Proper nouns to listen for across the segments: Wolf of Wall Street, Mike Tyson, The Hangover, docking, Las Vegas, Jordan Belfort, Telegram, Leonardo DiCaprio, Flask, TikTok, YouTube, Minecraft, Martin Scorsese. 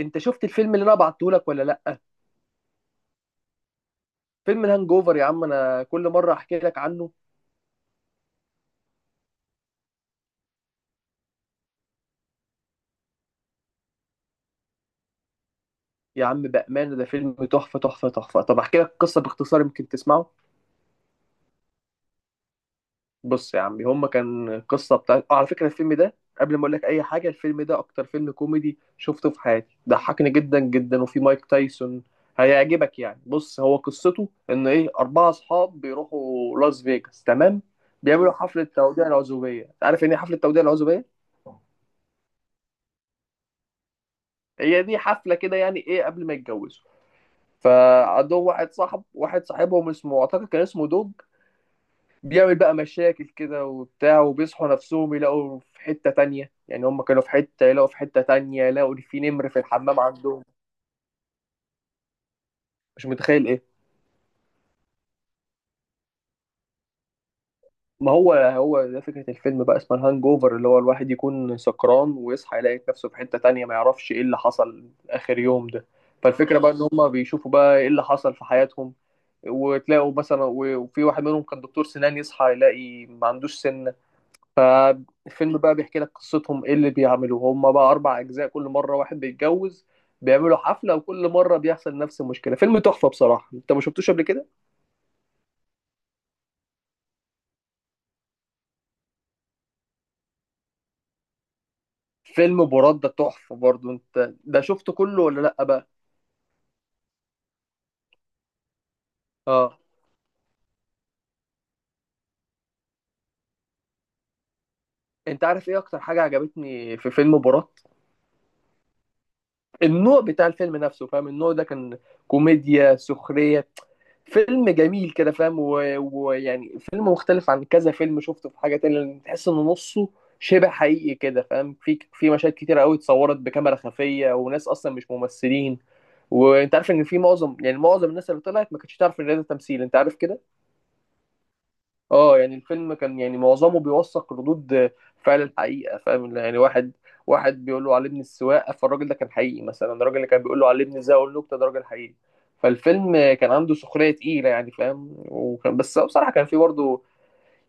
انت شفت الفيلم اللي انا بعته لك ولا لا؟ فيلم الهانج اوفر يا عم، انا كل مره احكي لك عنه. يا عم بامانه، ده فيلم تحفه تحفه تحفه. طب احكي لك قصه باختصار يمكن تسمعه. بص يا عمي، هما كان قصه بتاع على فكره الفيلم ده، قبل ما اقول لك اي حاجه، الفيلم ده اكتر فيلم كوميدي شفته في حياتي، ضحكني جدا جدا وفي مايك تايسون. هيعجبك يعني. بص، هو قصته ان ايه، اربعه اصحاب بيروحوا لاس فيجاس، تمام. بيعملوا حفله توديع العزوبيه. عارف يعني ايه حفله توديع العزوبيه؟ هي دي حفله كده، يعني ايه، قبل ما يتجوزوا. فعندهم واحد صاحب، واحد صاحبهم اسمه، اعتقد كان اسمه دوج. بيعمل بقى مشاكل كده وبتاع، وبيصحوا نفسهم يلاقوا في حتة تانية. يعني هم كانوا في حتة يلاقوا في حتة تانية، يلاقوا إن في نمر في الحمام عندهم. مش متخيل ايه؟ ما هو هو ده فكرة الفيلم، بقى اسمها الهانج اوفر، اللي هو الواحد يكون سكران ويصحى يلاقي نفسه في حتة تانية، ما يعرفش ايه اللي حصل آخر يوم ده. فالفكرة بقى ان هم بيشوفوا بقى ايه اللي حصل في حياتهم. وتلاقوا مثلا، وفي واحد منهم كان دكتور سنان، يصحى يلاقي ما عندوش سن. فالفيلم بقى بيحكي لك قصتهم، ايه اللي بيعملوه هم بقى. اربع اجزاء، كل مره واحد بيتجوز، بيعملوا حفله، وكل مره بيحصل نفس المشكله. فيلم تحفه بصراحه، انت ما شفتوش قبل كده. فيلم برده تحفه برضو، انت ده شفته كله ولا لا بقى. اه. انت عارف ايه اكتر حاجه عجبتني في فيلم براد؟ النوع بتاع الفيلم نفسه، فاهم؟ النوع ده كان كوميديا سخريه. فيلم جميل كده، فاهم؟ ويعني فيلم مختلف عن كذا فيلم شفته، في حاجة تانية لأن تحس إن نصه شبه حقيقي كده، فاهم؟ في مشاهد كتيرة قوي اتصورت بكاميرا خفية، وناس أصلا مش ممثلين. وأنت عارف إن في معظم، يعني معظم الناس اللي طلعت ما كانتش تعرف إن ده تمثيل، أنت عارف كده. اه. يعني الفيلم كان يعني معظمه بيوثق ردود فعل الحقيقة، فاهم؟ يعني واحد بيقول له علمني السواقة، فالراجل ده كان حقيقي. مثلا الراجل اللي كان بيقول له علمني ازاي اقول نكتة، ده راجل حقيقي. فالفيلم كان عنده سخرية تقيلة يعني، فاهم؟ وكان، بس بصراحة كان فيه برضه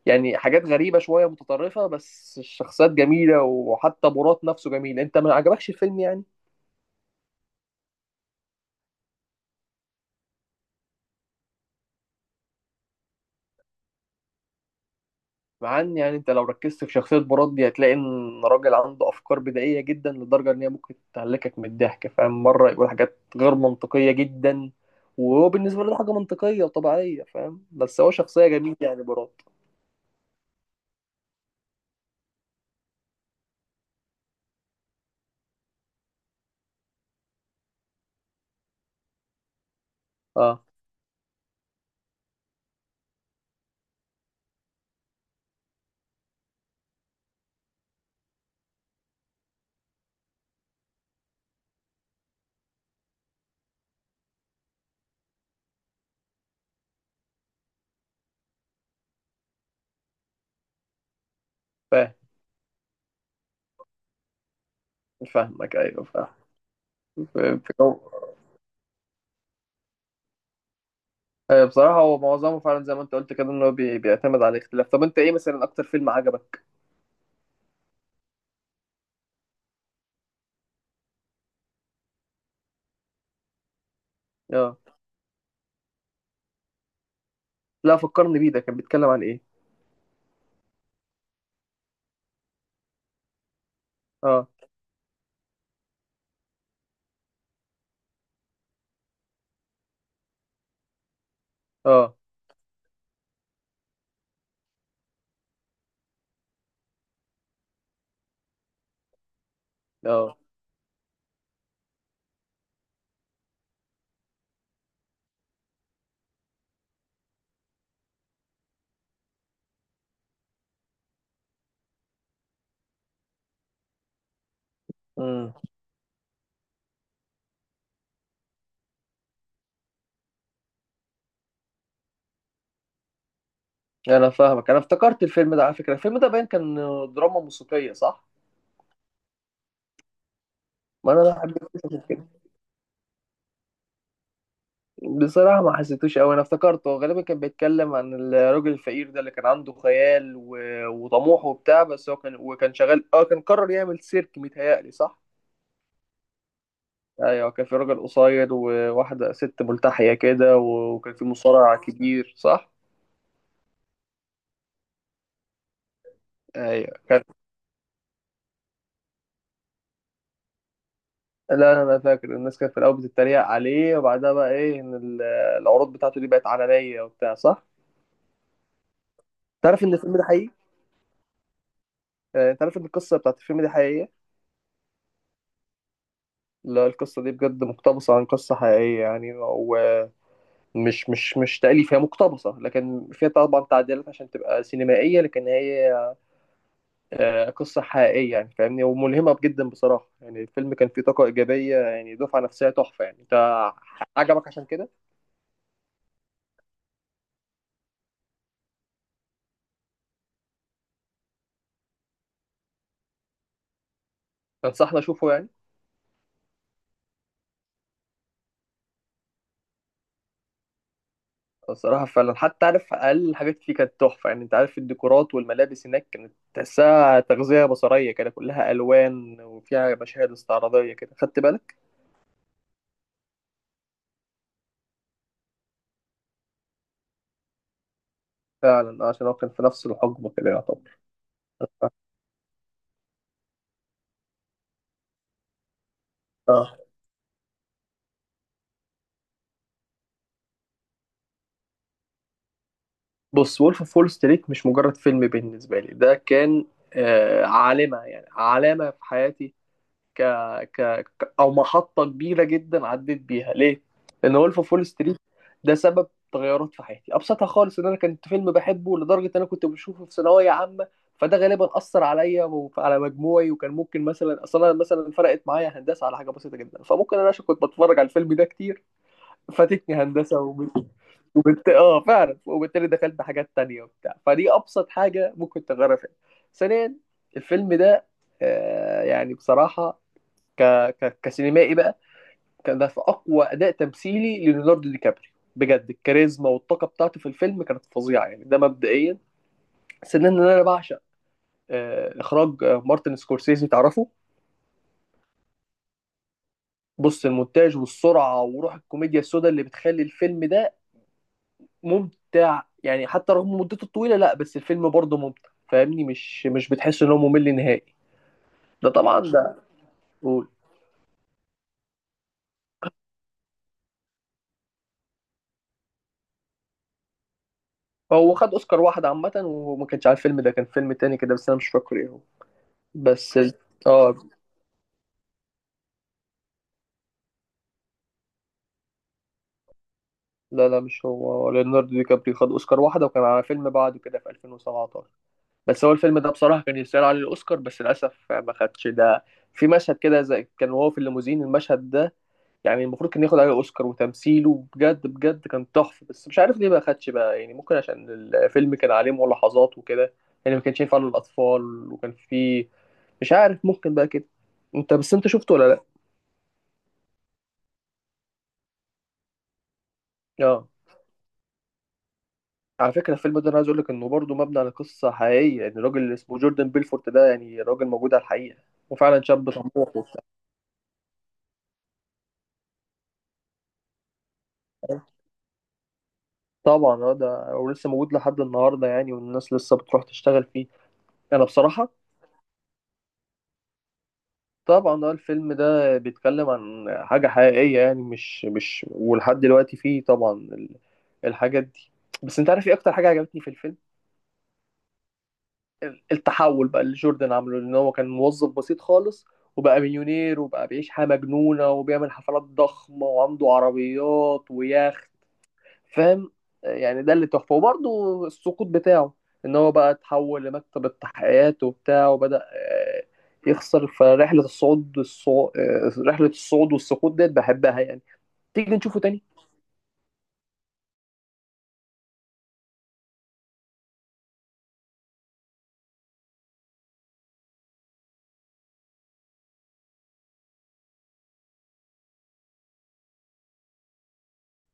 يعني حاجات غريبة شوية متطرفة، بس الشخصيات جميلة، وحتى مراد نفسه جميل. انت ما عجبكش الفيلم يعني؟ مع ان يعني انت لو ركزت في شخصية براد دي، هتلاقي ان راجل عنده افكار بدائية جدا لدرجة ان هي ممكن تهلكك من الضحك، فاهم؟ مرة يقول حاجات غير منطقية جدا، وهو بالنسبة له ده حاجة منطقية وطبيعية، فاهم؟ بس هو شخصية جميلة يعني براد. اه، فاهم. فاهمك، ايوه فاهم. فاهم. بصراحة هو معظمه فعلا زي ما انت قلت كده، ان هو بيعتمد على الاختلاف. طب انت ايه مثلا اكتر فيلم عجبك؟ اه. لا، فكرني بيه، ده كان بيتكلم عن ايه؟ اه. اه. اه. مم. انا فاهمك، انا افتكرت الفيلم ده. على فكره الفيلم ده باين كان دراما موسيقيه، صح؟ ما انا بحب القصص كده. بصراحه ما حسيتوش قوي. انا افتكرته، هو غالبا كان بيتكلم عن الراجل الفقير ده اللي كان عنده خيال وطموح وبتاع. بس هو كان وكان شغال، اه كان قرر يعمل سيرك، متهيألي صح. ايوه، كان في راجل قصير وواحده ست ملتحيه كده وكان في مصارع كبير، صح؟ ايوه كان. لا، انا فاكر الناس كانت في الاول بتتريق عليه، وبعدها بقى ايه، ان العروض بتاعته دي بقت عالميه وبتاع، صح؟ تعرف ان الفيلم ده حقيقي؟ تعرف ان القصه بتاعت الفيلم دي حقيقيه؟ لا، القصه دي بجد مقتبسه عن قصه حقيقيه يعني، ومش مش تأليف. هي مقتبسه، لكن فيها طبعا تعديلات عشان تبقى سينمائيه، لكن هي قصه حقيقيه يعني، فاهمني؟ وملهمه جدا بصراحه. يعني الفيلم كان فيه طاقه ايجابيه يعني، دفعه نفسيه تحفه يعني. انت عجبك عشان كده؟ تنصحني اشوفه يعني؟ الصراحة فعلا، حتى عارف، أقل الحاجات فيه كانت تحفة. يعني أنت عارف الديكورات والملابس هناك، كانت تحسها تغذية بصرية كده، كلها ألوان وفيها مشاهد استعراضية كده. خدت بالك؟ فعلا عشان هو كان في نفس الحقبة كده يعتبر. آه. بص، وولف أوف وول ستريت مش مجرد فيلم بالنسبة لي، ده كان آه علامة يعني، علامة في حياتي. ك... او محطه كبيره جدا عديت بيها ليه، لان وولف اوف وول ستريت ده سبب تغيرات في حياتي. ابسطها خالص، ان انا كنت فيلم بحبه لدرجه ان انا كنت بشوفه في ثانويه عامه. فده غالبا اثر عليا وعلى مجموعي، وكان ممكن مثلا، اصلا مثلا فرقت معايا هندسه على حاجه بسيطه جدا. فممكن انا، عشان كنت بتفرج على الفيلم ده كتير، فاتتني هندسه اه فعلا، وبالتالي دخلت حاجات تانية وبتاع. فدي ابسط حاجه ممكن تغيرها فيها. ثانيا، الفيلم ده يعني بصراحة ك... كسينمائي بقى، كان ده في اقوى اداء تمثيلي لليوناردو دي كابريو بجد. الكاريزما والطاقه بتاعته في الفيلم كانت فظيعه يعني. ده مبدئيا. ثانيا، ان انا بعشق اخراج مارتن سكورسيزي، تعرفه؟ بص، المونتاج والسرعه وروح الكوميديا السوداء اللي بتخلي الفيلم ده ممتع يعني، حتى رغم مدته الطويله. لا بس الفيلم برضه ممتع، فاهمني؟ مش بتحس ان هو ممل نهائي. ده طبعا ده. قول. هو خد اوسكار واحد عامه، وما كانش على الفيلم ده، كان فيلم تاني كده بس انا مش فاكر ايه هو. بس اه. لا مش هو، هو ليوناردو دي كابريو خد اوسكار واحده، وكان على فيلم بعده كده في 2017. بس هو الفيلم ده بصراحه كان يستاهل عليه الاوسكار، بس للاسف ما خدش ده. في مشهد كده، زي كان وهو في الليموزين، المشهد ده يعني المفروض كان ياخد عليه اوسكار. وتمثيله بجد بجد كان تحفه، بس مش عارف ليه ما خدش بقى. يعني ممكن عشان الفيلم كان عليه ملاحظات وكده، يعني ما كانش ينفع للاطفال، وكان فيه، مش عارف، ممكن بقى كده. انت بس، انت شفته ولا لا؟ اه. على فكرة الفيلم ده أنا عايز أقول لك إنه برضه مبني على قصة حقيقية. يعني الراجل اللي اسمه جوردن بيلفورت ده، يعني راجل موجود على الحقيقة، وفعلا شاب طموح وبتاع. طبعا اه، ده ولسه موجود لحد النهارده يعني، والناس لسه بتروح تشتغل فيه. انا بصراحه طبعا اه، الفيلم ده بيتكلم عن حاجه حقيقيه يعني، مش ولحد دلوقتي فيه طبعا الحاجات دي. بس انت عارف ايه اكتر حاجه عجبتني في الفيلم؟ التحول بقى اللي جوردن عمله، لان هو كان موظف بسيط خالص وبقى مليونير، وبقى بيعيش حياة مجنونة وبيعمل حفلات ضخمة وعنده عربيات ويخت. فاهم يعني؟ ده اللي تحفة. وبرضه السقوط بتاعه، ان هو بقى اتحول لمكتب التحقيقات وبتاع، وبدأ يخسر. فرحلة الصعود الصعود رحلة الصعود والسقوط ديت بحبها يعني. تيجي نشوفه تاني؟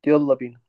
يلا بينا